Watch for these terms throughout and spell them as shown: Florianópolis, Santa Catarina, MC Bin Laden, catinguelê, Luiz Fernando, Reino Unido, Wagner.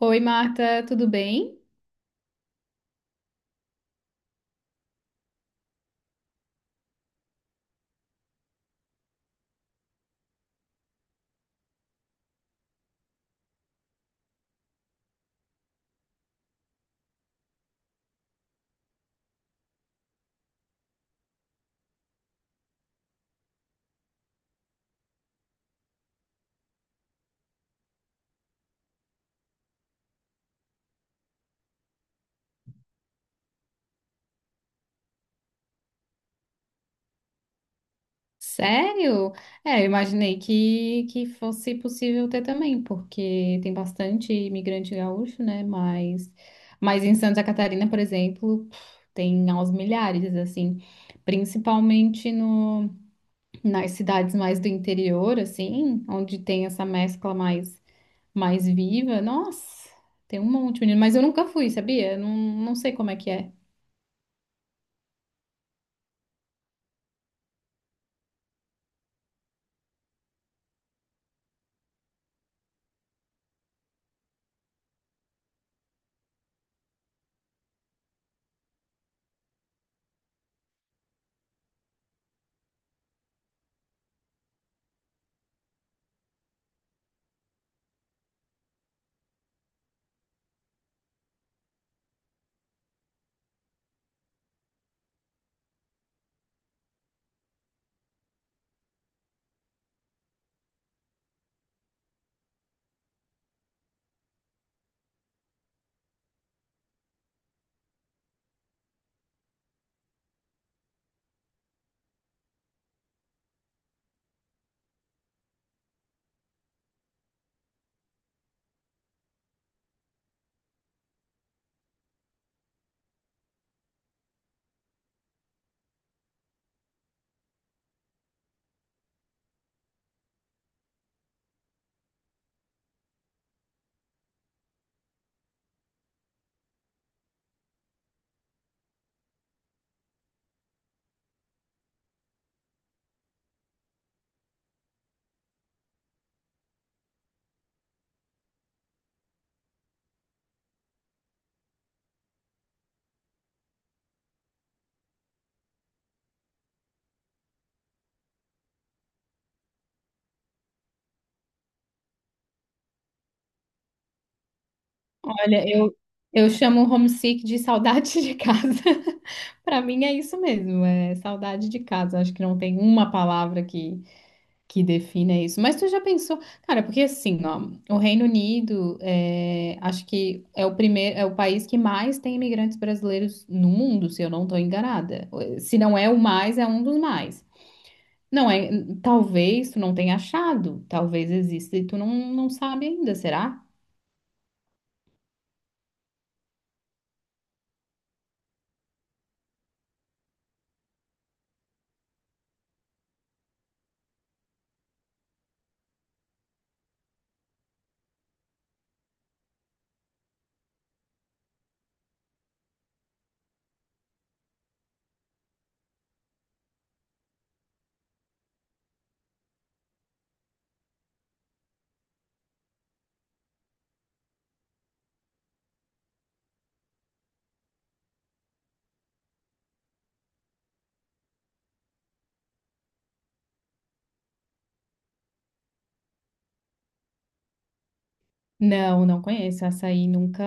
Oi, Marta, tudo bem? Sério? É, eu imaginei que fosse possível ter também, porque tem bastante imigrante gaúcho, né? Mas em Santa Catarina, por exemplo, pff, tem aos milhares, assim, principalmente no, nas cidades mais do interior, assim, onde tem essa mescla mais viva. Nossa, tem um monte, menino, mas eu nunca fui, sabia? Não, não sei como é que é. Olha, eu chamo o homesick de saudade de casa. Para mim é isso mesmo, é saudade de casa. Acho que não tem uma palavra que defina isso. Mas tu já pensou, cara, porque assim, ó, o Reino Unido é, acho que é o primeiro, é o país que mais tem imigrantes brasileiros no mundo, se eu não estou enganada. Se não é o mais, é um dos mais. Não é, talvez tu não tenha achado, talvez exista e tu não, não sabe ainda, será? Não, não conheço. Açaí nunca,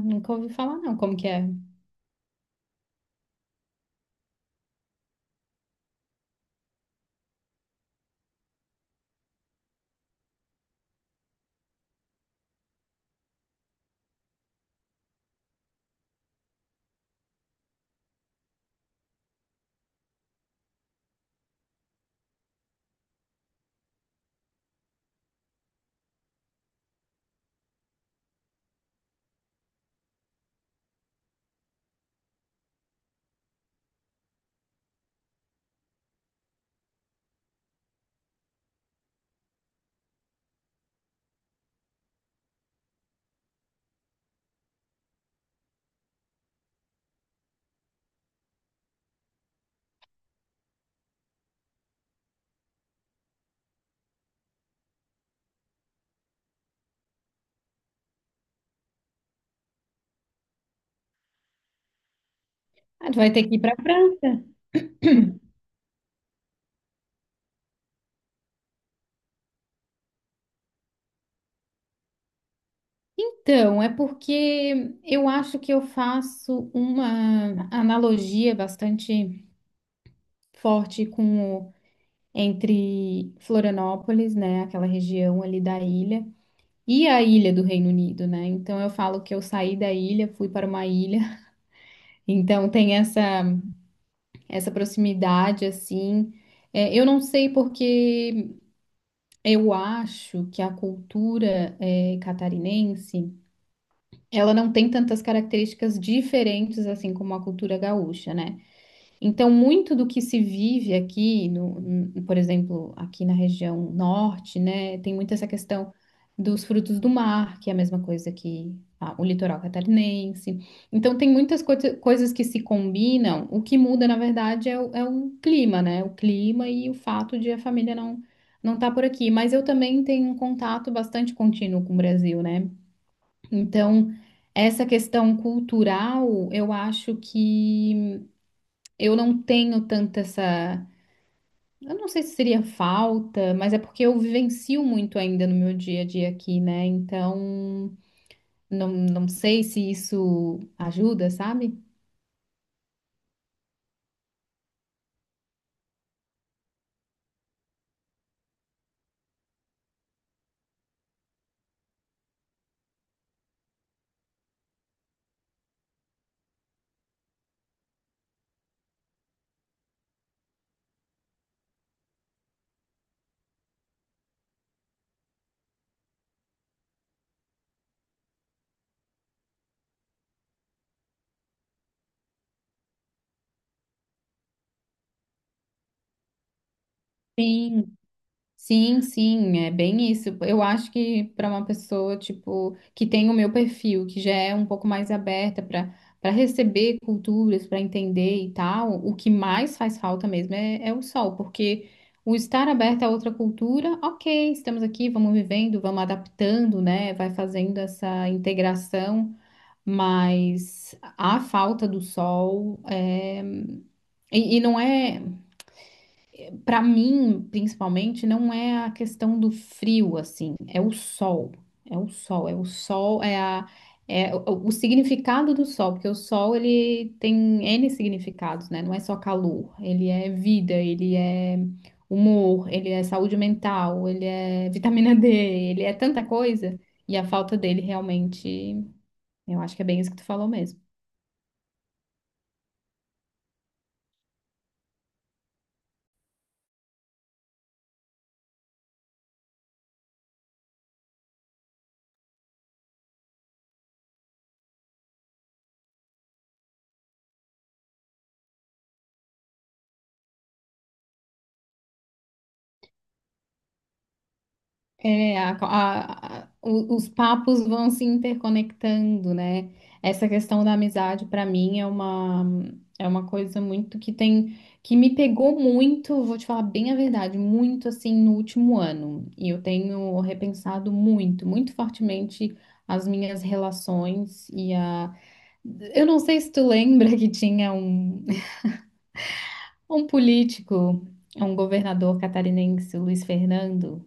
nunca ouvi falar, não. Como que é? Ah, tu vai ter que ir para França. Então, é porque eu acho que eu faço uma analogia bastante forte entre Florianópolis, né, aquela região ali da ilha, e a ilha do Reino Unido, né? Então eu falo que eu saí da ilha, fui para uma ilha. Então tem essa proximidade assim. É, eu não sei porque eu acho que a cultura catarinense, ela não tem tantas características diferentes assim como a cultura gaúcha, né? Então, muito do que se vive aqui, no, n- por exemplo, aqui na região norte, né, tem muito essa questão dos frutos do mar, que é a mesma coisa que o litoral catarinense. Então, tem muitas coisas que se combinam. O que muda, na verdade, é é o clima, né? O clima e o fato de a família não estar por aqui. Mas eu também tenho um contato bastante contínuo com o Brasil, né? Então, essa questão cultural, eu acho que eu não tenho tanta essa. Eu não sei se seria falta, mas é porque eu vivencio muito ainda no meu dia a dia aqui, né? Então, não, não sei se isso ajuda, sabe? Sim, sim, sim, é bem isso. Eu acho que para uma pessoa, tipo, que tem o meu perfil, que já é um pouco mais aberta para receber culturas, para entender e tal, o que mais faz falta mesmo é o sol, porque o estar aberto a outra cultura, ok, estamos aqui, vamos vivendo, vamos adaptando, né? Vai fazendo essa integração, mas a falta do sol é. E não é. Para mim, principalmente, não é a questão do frio, assim, é o sol. É o sol, é o sol, é a, é o significado do sol, porque o sol ele tem N significados, né? Não é só calor, ele é vida, ele é humor, ele é saúde mental, ele é vitamina D, ele é tanta coisa. E a falta dele realmente, eu acho que é bem isso que tu falou mesmo. É, os papos vão se interconectando, né? Essa questão da amizade, para mim, é uma coisa muito que tem, que me pegou muito, vou te falar bem a verdade, muito assim no último ano. E eu tenho repensado muito, muito fortemente as minhas relações e a. Eu não sei se tu lembra que tinha um político, um governador catarinense, o Luiz Fernando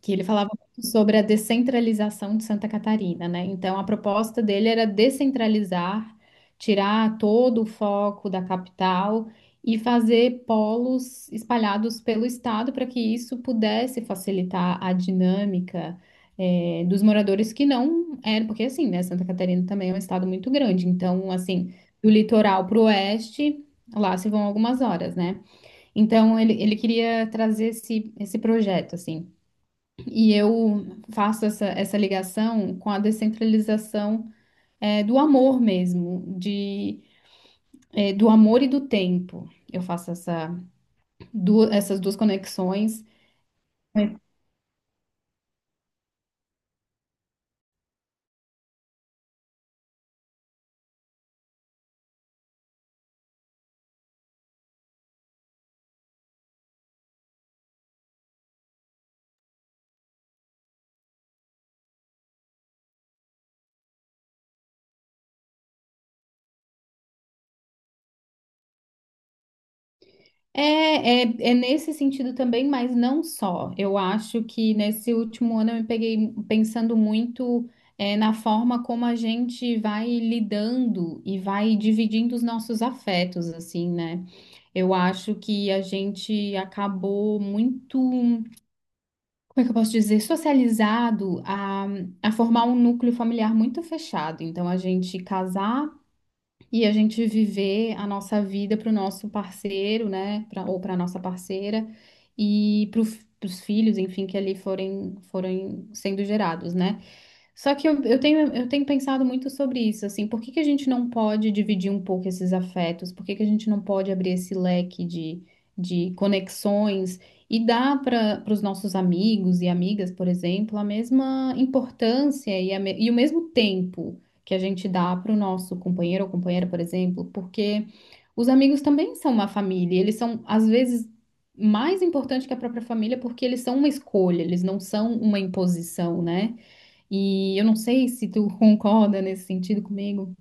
que ele falava muito sobre a descentralização de Santa Catarina, né? Então, a proposta dele era descentralizar, tirar todo o foco da capital e fazer polos espalhados pelo estado para que isso pudesse facilitar a dinâmica. Dos moradores que não eram, porque assim, né, Santa Catarina também é um estado muito grande, então, assim, do litoral para o oeste, lá se vão algumas horas, né? Então, ele queria trazer esse projeto, assim. E eu faço essa ligação com a descentralização é, do amor mesmo, de, é, do amor e do tempo. Eu faço essa, essas duas conexões. É, é, é nesse sentido também, mas não só. Eu acho que nesse último ano eu me peguei pensando muito na forma como a gente vai lidando e vai dividindo os nossos afetos, assim, né? Eu acho que a gente acabou muito. Como é que eu posso dizer, socializado a formar um núcleo familiar muito fechado. Então, a gente casar e a gente viver a nossa vida para o nosso parceiro, né, pra, ou para a nossa parceira e para os filhos, enfim, que ali forem sendo gerados, né? Só que eu tenho pensado muito sobre isso, assim, por que que a gente não pode dividir um pouco esses afetos? Por que que a gente não pode abrir esse leque de conexões e dar para os nossos amigos e amigas, por exemplo, a mesma importância e o mesmo tempo que a gente dá para o nosso companheiro ou companheira, por exemplo, porque os amigos também são uma família, e eles são, às vezes, mais importantes que a própria família porque eles são uma escolha, eles não são uma imposição, né? E eu não sei se tu concorda nesse sentido comigo.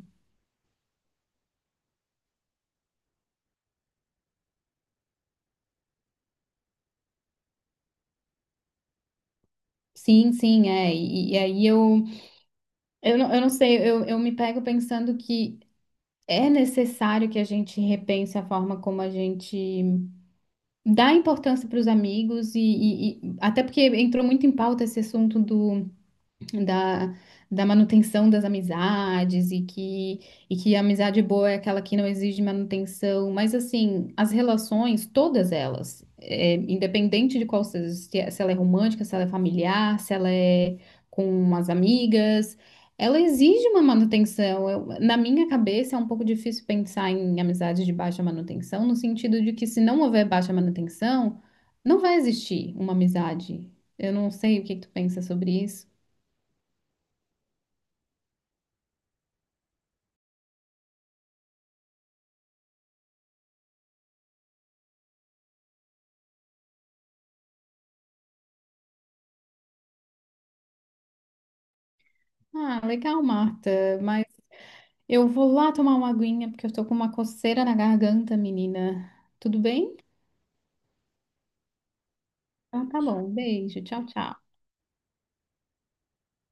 Sim, sim, é. E aí eu não sei, eu me pego pensando que é necessário que a gente repense a forma como a gente dá importância para os amigos e até porque entrou muito em pauta esse assunto do da, da manutenção das amizades e que a amizade boa é aquela que não exige manutenção, mas assim, as relações, todas elas, é, independente de qual seja, se ela é romântica, se ela é familiar, se ela é com as amigas, ela exige uma manutenção. Na minha cabeça é um pouco difícil pensar em amizades de baixa manutenção, no sentido de que se não houver baixa manutenção, não vai existir uma amizade. Eu não sei o que que tu pensa sobre isso. Ah, legal, Marta. Mas eu vou lá tomar uma aguinha porque eu tô com uma coceira na garganta, menina. Tudo bem? Então tá bom. Beijo. Tchau, tchau.